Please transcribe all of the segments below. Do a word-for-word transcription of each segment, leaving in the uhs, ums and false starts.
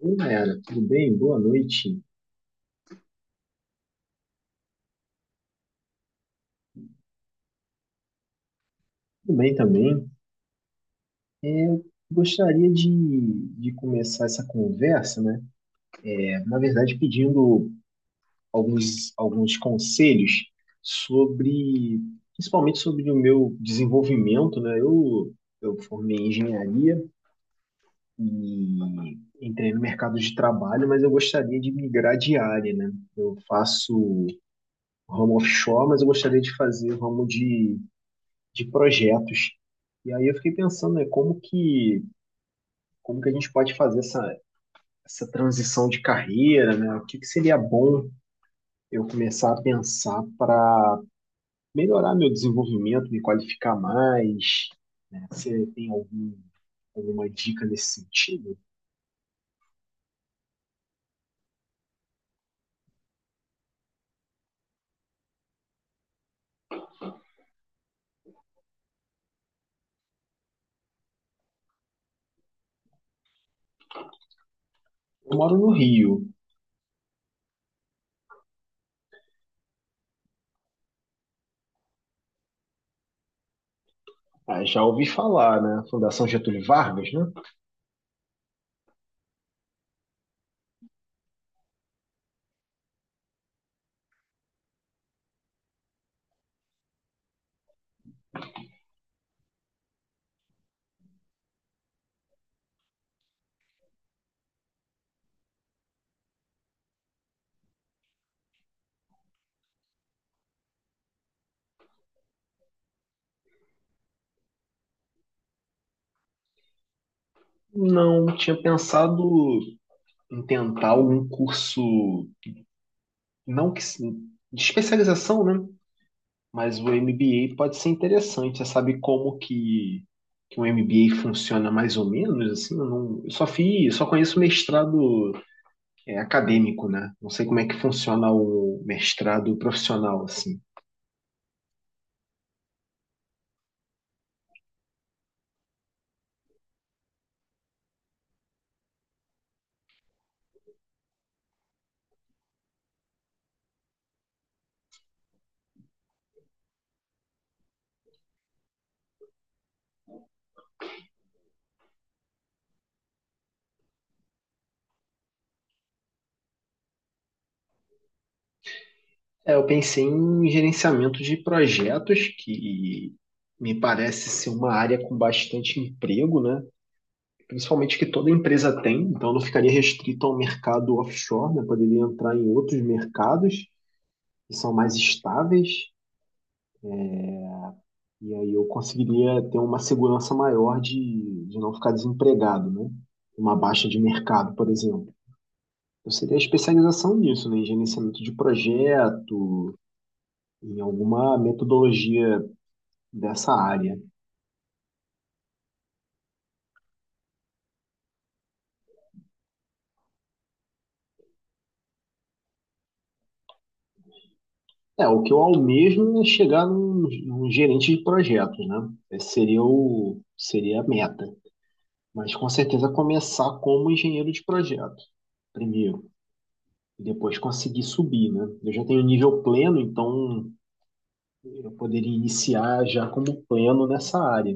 Oi, Nayara, tudo bem? Boa noite. Tudo bem também. É, Eu gostaria de, de começar essa conversa, né? É, na verdade, pedindo alguns, alguns conselhos sobre, principalmente sobre o meu desenvolvimento, né? Eu, eu formei em engenharia e entrei no mercado de trabalho, mas eu gostaria de migrar de área, né? Eu faço ramo offshore, mas eu gostaria de fazer ramo de de projetos. E aí eu fiquei pensando, né, como que, como que a gente pode fazer essa, essa transição de carreira, né? O que que seria bom eu começar a pensar para melhorar meu desenvolvimento, me qualificar mais, né? Você tem algum, alguma dica nesse sentido? Eu moro no Rio. Ah, já ouvi falar, né? Fundação Getúlio Vargas, né? Não tinha pensado em tentar algum curso, não que se- de especialização, né? Mas o M B A pode ser interessante. Você sabe como que, que um M B A funciona mais ou menos? Assim, eu, não, eu só fiz, só conheço mestrado é, acadêmico, né? Não sei como é que funciona o mestrado profissional, assim. É, eu pensei em gerenciamento de projetos, que me parece ser uma área com bastante emprego, né? Principalmente que toda empresa tem, então não ficaria restrito ao mercado offshore, né? Poderia entrar em outros mercados que são mais estáveis. E aí eu conseguiria ter uma segurança maior de, de não ficar desempregado, né? Uma baixa de mercado, por exemplo. Eu seria especialização nisso, né? Em gerenciamento de projeto, em alguma metodologia dessa área. É, o que eu almejo é chegar num, num gerente de projetos, né? Esse seria o, seria a meta. Mas com certeza começar como engenheiro de projeto, primeiro. E depois conseguir subir, né? Eu já tenho nível pleno, então Eu poderia iniciar já como plano nessa área.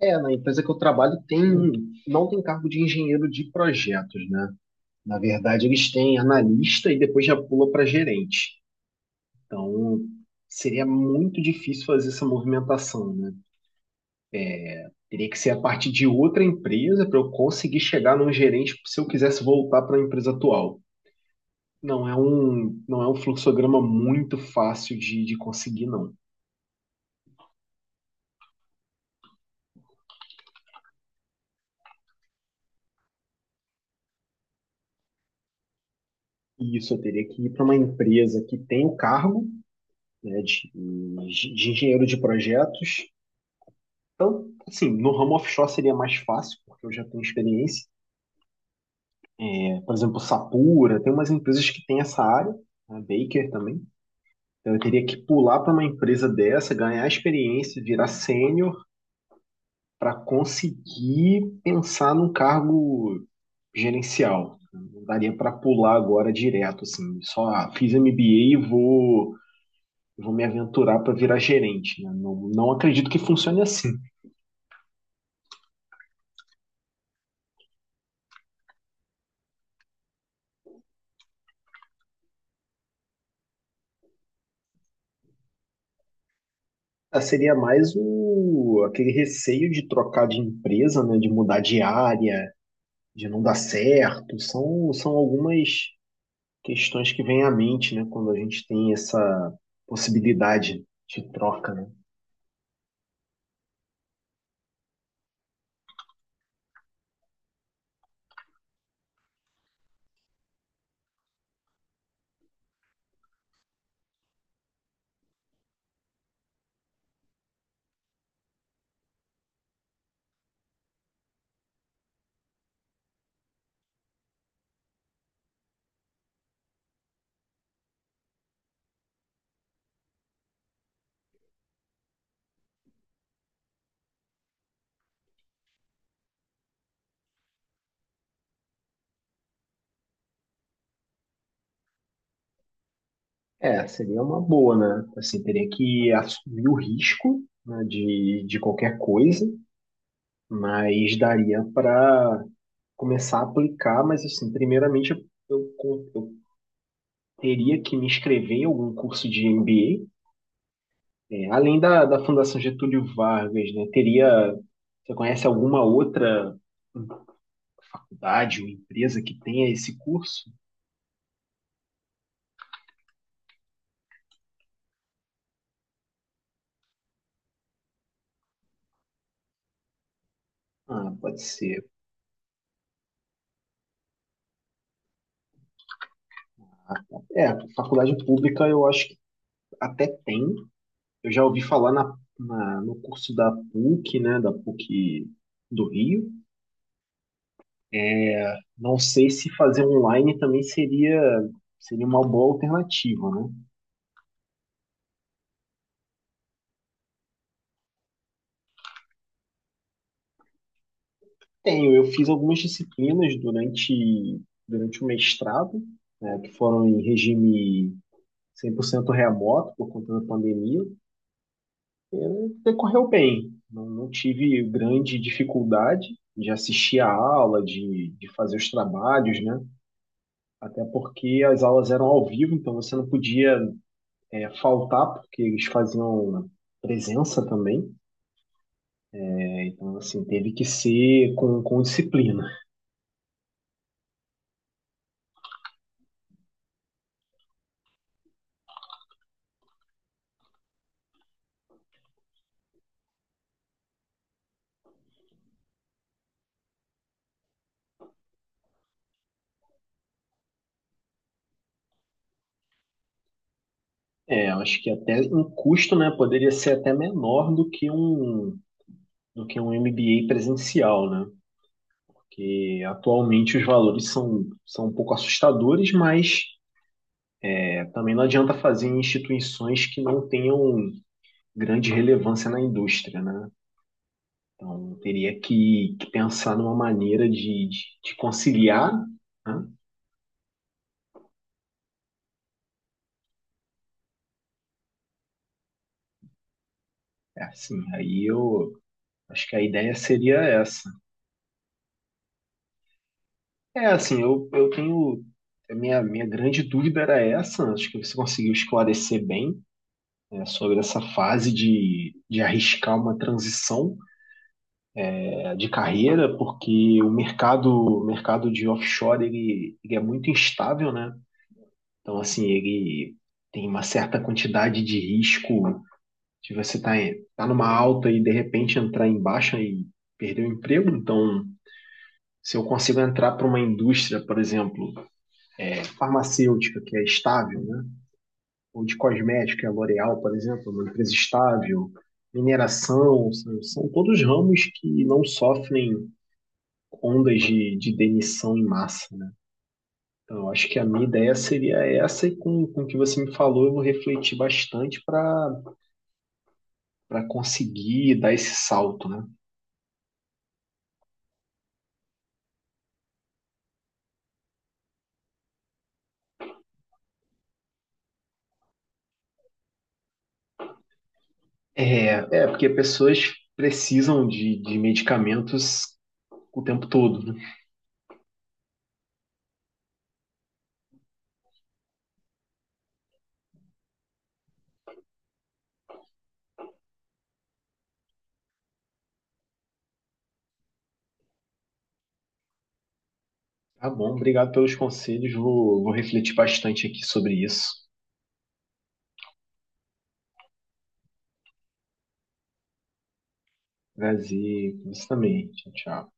É, na empresa que eu trabalho tem, um, não tem cargo de engenheiro de projetos, né? Na verdade, eles têm analista e depois já pula para gerente. Então, seria muito difícil fazer essa movimentação, né? Teria que ser a partir de outra empresa para eu conseguir chegar num gerente se eu quisesse voltar para a empresa atual. Não é um, não é um fluxograma muito fácil de, de conseguir, não. E isso eu teria que ir para uma empresa que tem o cargo, né, de, de engenheiro de projetos. Então, assim, no ramo offshore seria mais fácil, porque eu já tenho experiência. É, por exemplo, Sapura, tem umas empresas que têm essa área, a Baker também. Então, eu teria que pular para uma empresa dessa, ganhar experiência, virar sênior, para conseguir pensar num cargo gerencial. Não daria para pular agora direto, assim, só ah, fiz M B A e vou, vou me aventurar para virar gerente, né? Não, não acredito que funcione assim. Ah, seria mais o, aquele receio de trocar de empresa, né, de mudar de área, de não dar certo. São, são algumas questões que vêm à mente, né, quando a gente tem essa possibilidade de troca, né? É, seria uma boa, né? Assim, teria que assumir o risco, né, de, de qualquer coisa, mas daria para começar a aplicar, mas assim, primeiramente eu, eu teria que me inscrever em algum curso de M B A, é, além da, da Fundação Getúlio Vargas, né, teria, você conhece alguma outra faculdade ou empresa que tenha esse curso? Ah, pode ser. É, faculdade pública eu acho que até tem. Eu já ouvi falar na, na- no curso da PUC, né, da PUC do Rio. Não sei se fazer online também seria, seria uma boa alternativa, né? Tenho, eu fiz algumas disciplinas durante, durante o mestrado, né, que foram em regime cem por cento remoto por conta da pandemia, eh, decorreu bem. Não, não tive grande dificuldade de assistir a aula, de, de fazer os trabalhos, né? Até porque as aulas eram ao vivo, então você não podia eh, faltar, porque eles faziam presença também. né? Então, assim, teve que ser com, com disciplina. É, eu acho que até um custo, né, poderia ser até menor do que um, do que um M B A presencial, né? Que atualmente os valores são, são um pouco assustadores, mas é, também não adianta fazer em instituições que não tenham grande relevância na indústria, né? Então, teria que, que pensar numa maneira de, de, de conciliar, né? É assim, aí eu acho que a ideia seria essa. É assim, eu, eu tenho. A minha, minha grande dúvida era essa, acho que você conseguiu esclarecer bem, né, sobre essa fase de, de arriscar uma transição de carreira, porque o mercado, o mercado de offshore ele, ele é muito instável, né? Então, assim, ele tem uma certa quantidade de risco de você estar tá, em- tá numa alta e de repente entrar em baixa e perder o emprego. Então, se eu consigo entrar para uma indústria, por exemplo, farmacêutica, que é estável, né? Ou de cosmética, que é a L'Oréal, por exemplo, uma empresa estável, mineração, são, são todos ramos que não sofrem ondas de, de demissão em massa, né? Então, eu acho que a minha ideia seria essa, e com, com o que você me falou, eu vou refletir bastante para para conseguir dar esse salto, né? É, é porque pessoas precisam de, de medicamentos o tempo todo, né? Tá bom, obrigado pelos conselhos, vou, vou refletir bastante aqui sobre isso. Prazer, isso também. Tchau, tchau.